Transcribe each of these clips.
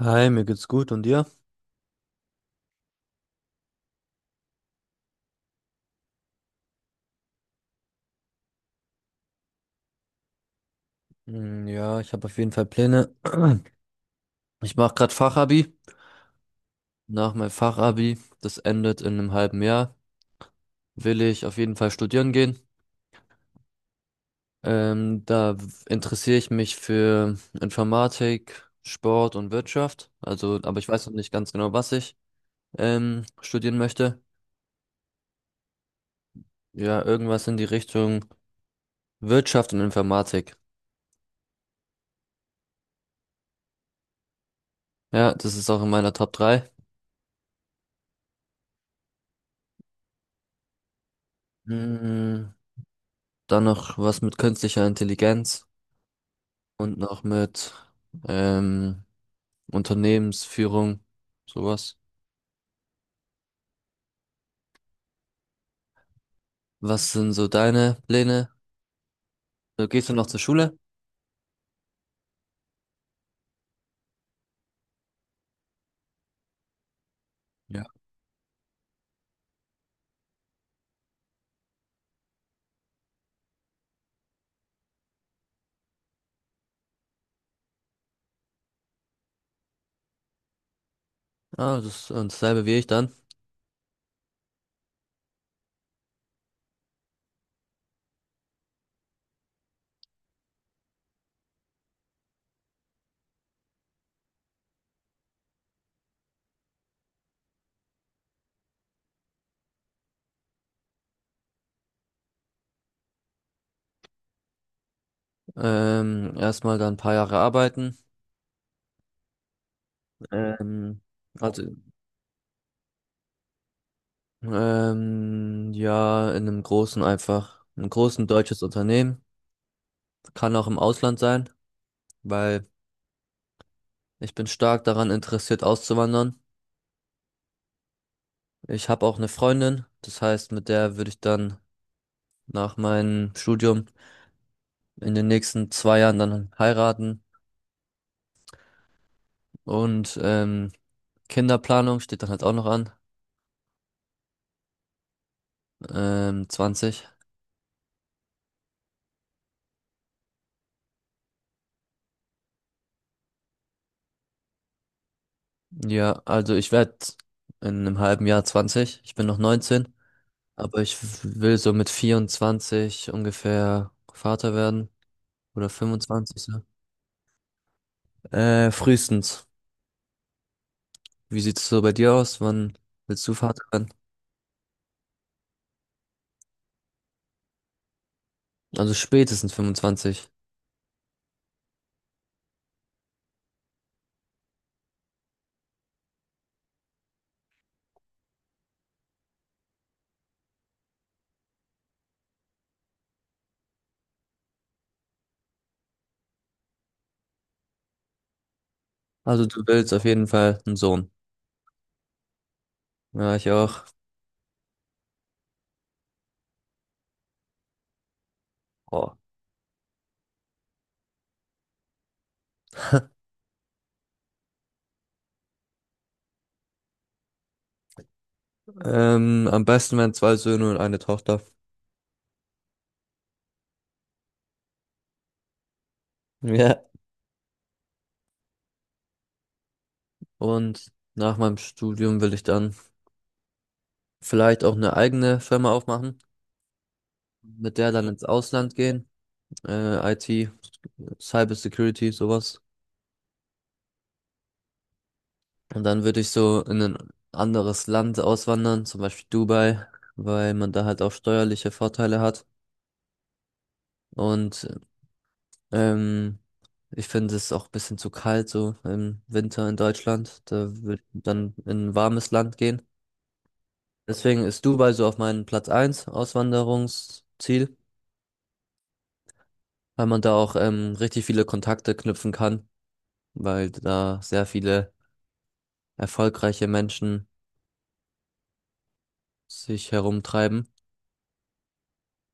Hi, mir geht's gut und dir? Ja, ich habe auf jeden Fall Pläne. Ich mache gerade Fachabi. Nach meinem Fachabi, das endet in einem halben Jahr, will ich auf jeden Fall studieren gehen. Interessiere ich mich für Informatik, Sport und Wirtschaft. Also, aber ich weiß noch nicht ganz genau, was ich studieren möchte. Ja, irgendwas in die Richtung Wirtschaft und Informatik. Ja, das ist auch in meiner Top drei. Hm, Dann noch was mit künstlicher Intelligenz. Und noch mit ähm, Unternehmensführung, sowas. Was sind so deine Pläne? Du gehst du noch zur Schule? Ja. Ah, das ist dasselbe wie ich dann. Erstmal dann ein paar Jahre arbeiten. Ähm, also, ja, in einem großen einfach, einem großen deutsches Unternehmen. Kann auch im Ausland sein, weil ich bin stark daran interessiert, auszuwandern. Ich habe auch eine Freundin, das heißt, mit der würde ich dann nach meinem Studium in den nächsten 2 Jahren dann heiraten und Kinderplanung steht dann halt auch noch an. 20. Ja, also ich werde in einem halben Jahr 20. Ich bin noch 19, aber will so mit 24 ungefähr Vater werden oder 25 so. Frühestens. Wie sieht's so bei dir aus? Wann willst du Vater werden? Also spätestens 25. Also du willst auf jeden Fall einen Sohn. Ja, ich auch. Oh. Am besten wären zwei Söhne und eine Tochter. Ja. Und nach meinem Studium will ich dann vielleicht auch eine eigene Firma aufmachen, mit der dann ins Ausland gehen, IT, Cyber Security, sowas. Und dann würde ich so in ein anderes Land auswandern, zum Beispiel Dubai, weil man da halt auch steuerliche Vorteile hat. Und ähm, ich finde es auch ein bisschen zu kalt so im Winter in Deutschland. Da würde ich dann in ein warmes Land gehen. Deswegen ist Dubai so auf meinem Platz eins Auswanderungsziel, weil man da auch richtig viele Kontakte knüpfen kann, weil da sehr viele erfolgreiche Menschen sich herumtreiben.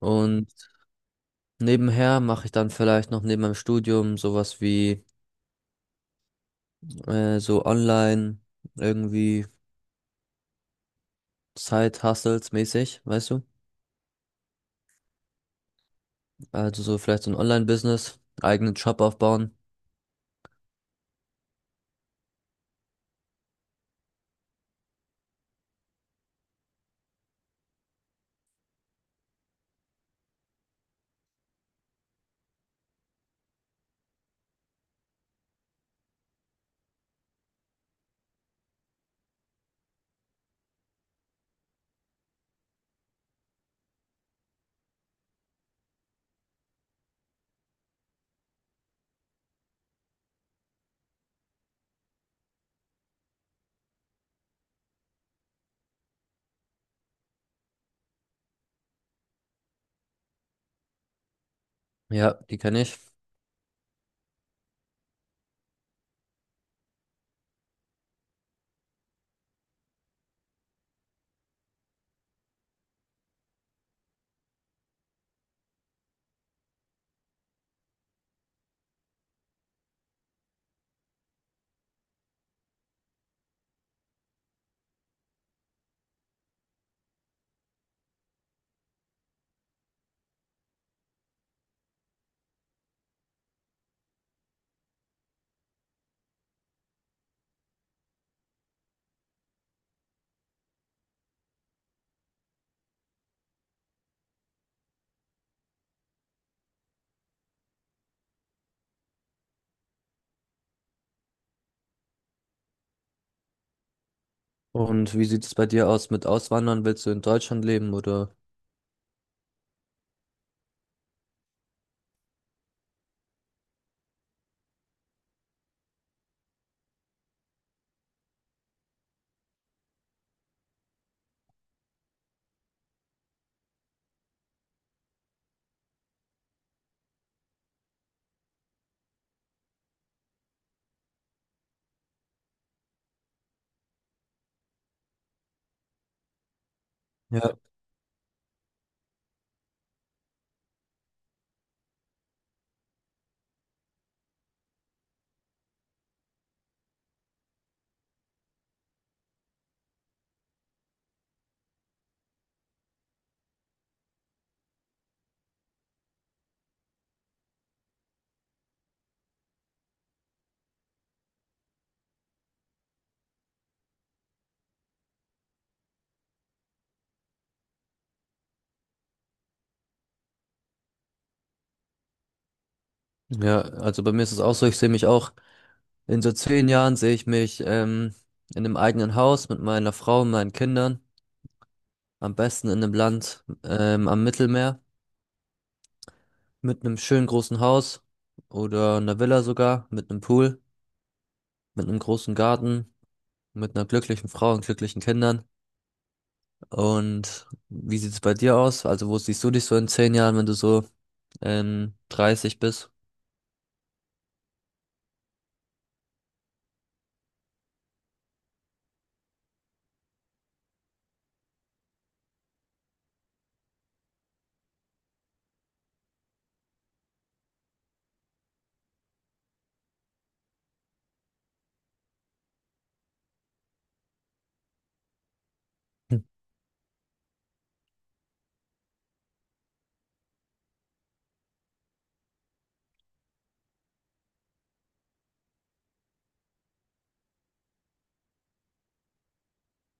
Und nebenher mache ich dann vielleicht noch neben meinem Studium sowas wie so online irgendwie Side-Hustles mäßig, weißt du? Also so vielleicht so ein Online-Business, eigenen Shop aufbauen. Ja, die kenne ich. Und wie sieht es bei dir aus mit Auswandern? Willst du in Deutschland leben oder? Ja. Ja, also bei mir ist es auch so, ich sehe mich auch, in so 10 Jahren sehe ich mich in einem eigenen Haus mit meiner Frau und meinen Kindern, am besten in einem Land am Mittelmeer, mit einem schönen großen Haus oder einer Villa sogar, mit einem Pool, mit einem großen Garten, mit einer glücklichen Frau und glücklichen Kindern. Und wie sieht es bei dir aus? Also wo siehst du dich so in 10 Jahren, wenn du so 30 bist?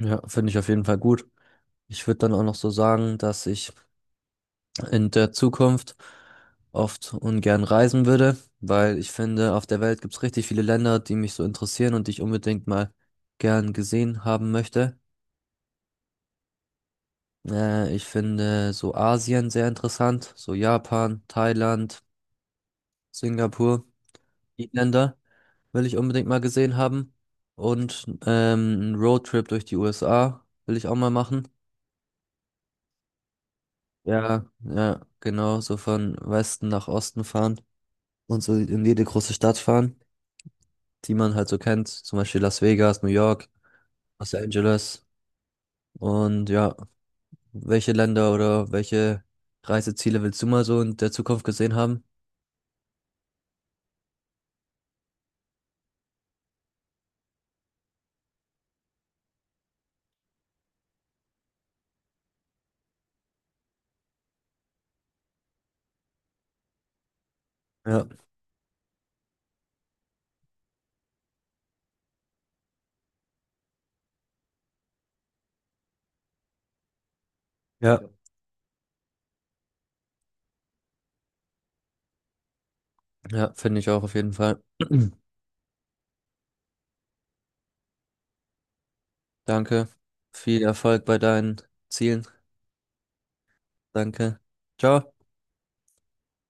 Ja, finde ich auf jeden Fall gut. Ich würde dann auch noch so sagen, dass ich in der Zukunft oft ungern reisen würde, weil ich finde, auf der Welt gibt es richtig viele Länder, die mich so interessieren und die ich unbedingt mal gern gesehen haben möchte. Ich finde so Asien sehr interessant, so Japan, Thailand, Singapur, die Länder will ich unbedingt mal gesehen haben. Und einen Roadtrip durch die USA will ich auch mal machen. Ja, ja, genau, so von Westen nach Osten fahren und so in jede große Stadt fahren, die man halt so kennt, zum Beispiel Las Vegas, New York, Los Angeles. Und ja, welche Länder oder welche Reiseziele willst du mal so in der Zukunft gesehen haben? Ja, ja, ja, finde ich auch auf jeden Fall. Danke. Viel Erfolg bei deinen Zielen. Danke. Ciao.